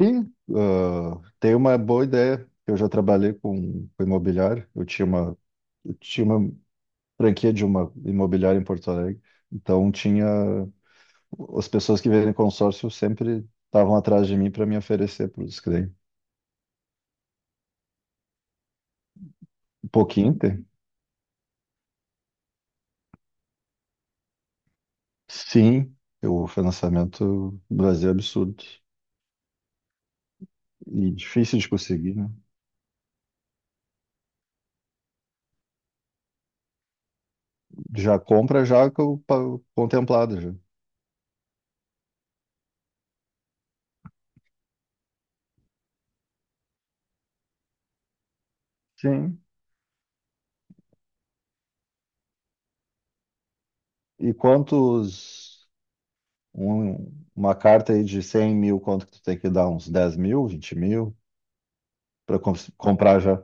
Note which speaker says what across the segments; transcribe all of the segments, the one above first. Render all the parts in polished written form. Speaker 1: Sim, tem uma boa ideia. Eu já trabalhei com imobiliário. Eu tinha uma franquia de uma imobiliária em Porto Alegre. Então tinha as pessoas que vêm em consórcio sempre estavam atrás de mim para me oferecer para os clientes. Um pouquinho, tem. Sim, o financiamento no Brasil é absurdo e difícil de conseguir, né? Já compra já contemplada já. Sim. E quantos? Uma carta aí de 100 mil, quanto que tu tem que dar? Uns 10 mil, 20 mil, para comprar já.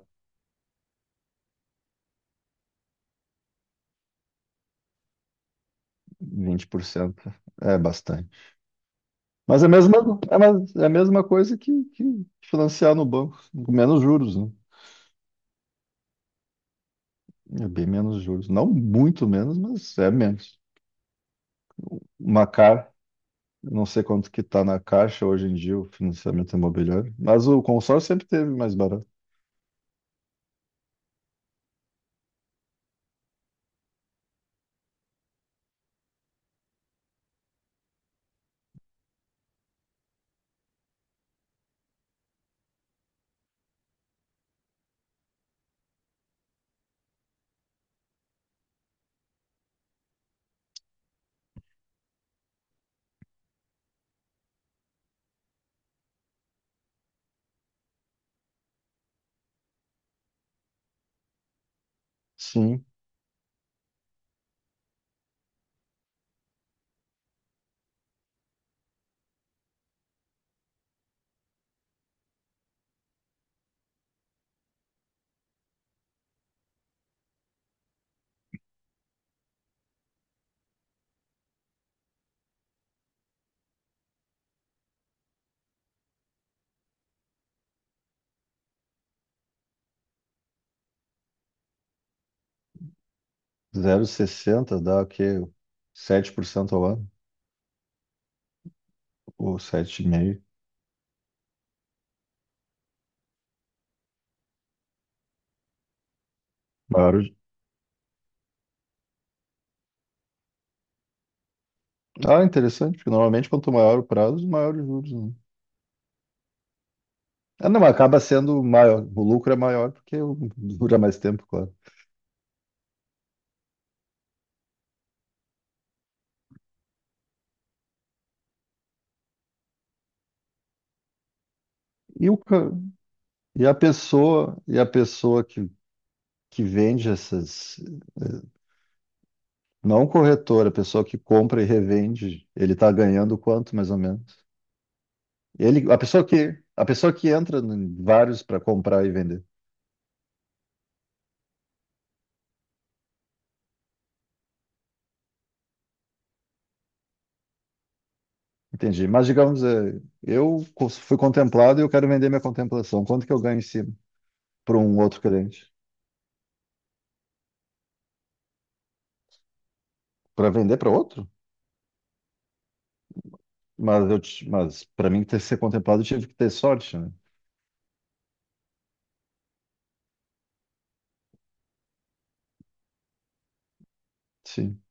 Speaker 1: 20%? É bastante. Mas é a mesma, é a mesma coisa que financiar no banco, com menos juros, né? É bem menos juros. Não muito menos, mas é menos. Uma car, eu não sei quanto que tá na caixa hoje em dia o financiamento imobiliário, mas o consórcio sempre teve mais barato. Sim, 0,60 dá o quê? 7% ao ano, ou 7,5%. Claro. Ah, interessante, porque normalmente quanto maior o prazo, maior os juros, né? Ah, não, acaba sendo maior, o lucro é maior porque dura mais tempo, claro. E, o, ca- e a pessoa, que vende essas, não o corretor, a pessoa que compra e revende, ele está ganhando quanto, mais ou menos? A pessoa que entra em vários para comprar e vender. Entendi. Mas digamos, fui contemplado e eu quero vender minha contemplação. Quanto que eu ganho em cima para um outro cliente? Para vender para outro? Mas para mim ter ser contemplado, eu tive que ter sorte, né? Sim.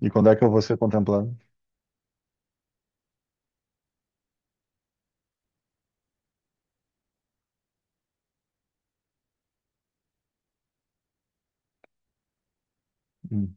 Speaker 1: E quando é que eu vou ser contemplado? Hum.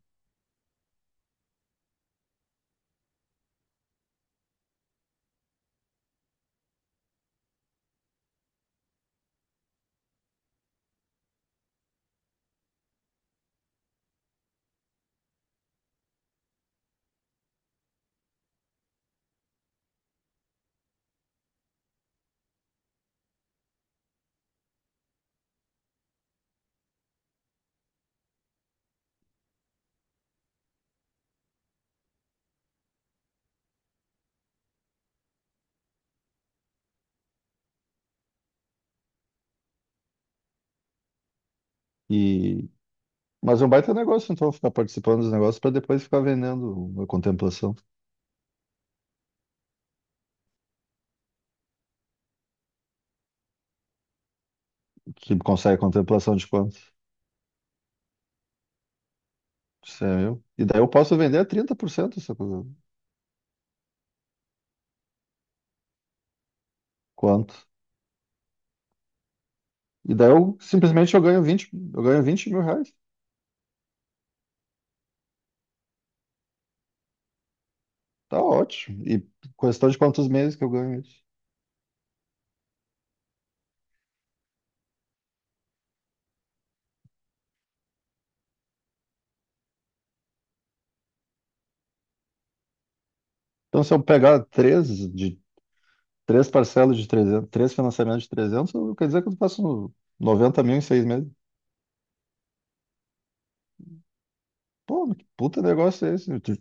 Speaker 1: E mas é um baita negócio, então ficar participando dos negócios para depois ficar vendendo a contemplação, que consegue contemplação de quanto? Isso é meu. E daí eu posso vender a 30% essa coisa. Quanto? E daí eu simplesmente eu ganho 20 mil reais. Tá ótimo. E questão de quantos meses que eu ganho isso. Então, se eu pegar três de três parcelas de 300, três financiamentos de 300, quer dizer que eu faço 90 mil em 6 meses. Pô, que puta negócio é esse?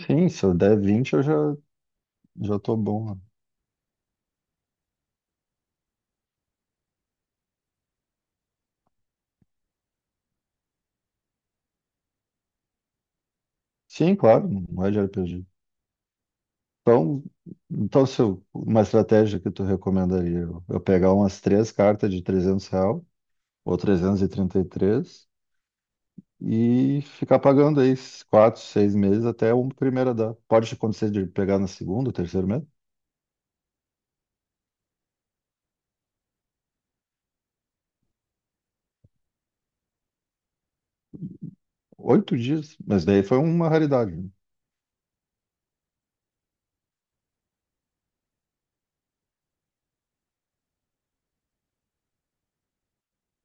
Speaker 1: Sim, se eu der 20, eu já tô bom, né? Sim, claro, não é de RPG. Então, então se eu- uma estratégia que tu recomendaria, eu pegar umas três cartas de 300 real, ou 333, e 33, e ficar pagando aí esses 4, 6 meses até a primeira dar. Pode acontecer de pegar na segunda, terceiro mês? 8 dias, mas daí foi uma raridade, né?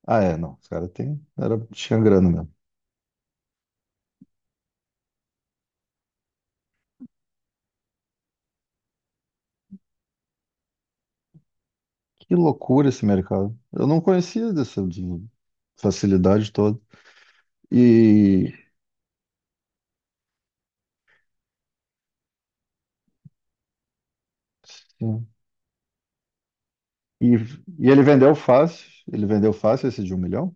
Speaker 1: Ah, é, não. Os caras tem. Era. Tinha grana mesmo. Que loucura esse mercado. Eu não conhecia dessa facilidade toda. E, sim. E ele vendeu fácil. Ele vendeu fácil esse de 1 milhão.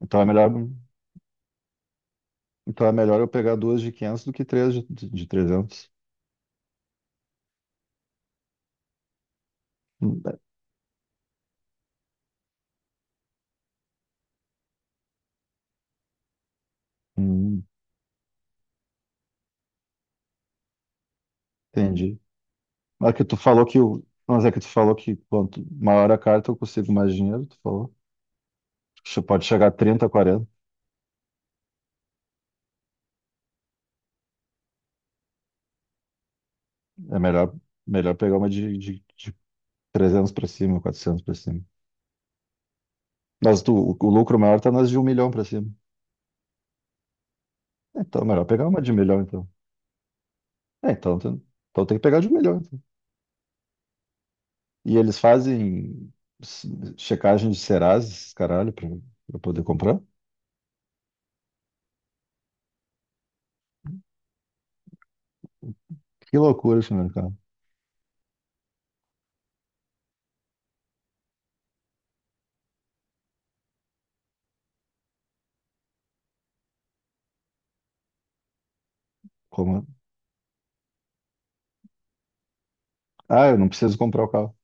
Speaker 1: Então é melhor, então é melhor eu pegar duas de 500 do que três de 300. Hum, entendi. Mas é que tu falou que quanto maior a carta eu consigo mais dinheiro, tu falou. Acho que pode chegar a 30, 40. É melhor, melhor pegar uma 300 para cima, 400 para cima. Mas o lucro maior tá nas de 1 milhão para cima. É, então, melhor pegar uma de 1 milhão, então. É, então, então tem que pegar de 1 milhão, então. E eles fazem s- checagem de Serasa, caralho, pra poder comprar? Que loucura esse mercado. Como... Ah, eu não preciso comprar o carro.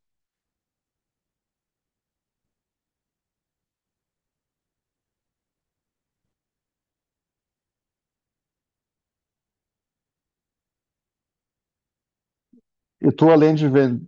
Speaker 1: E tu, além de vender.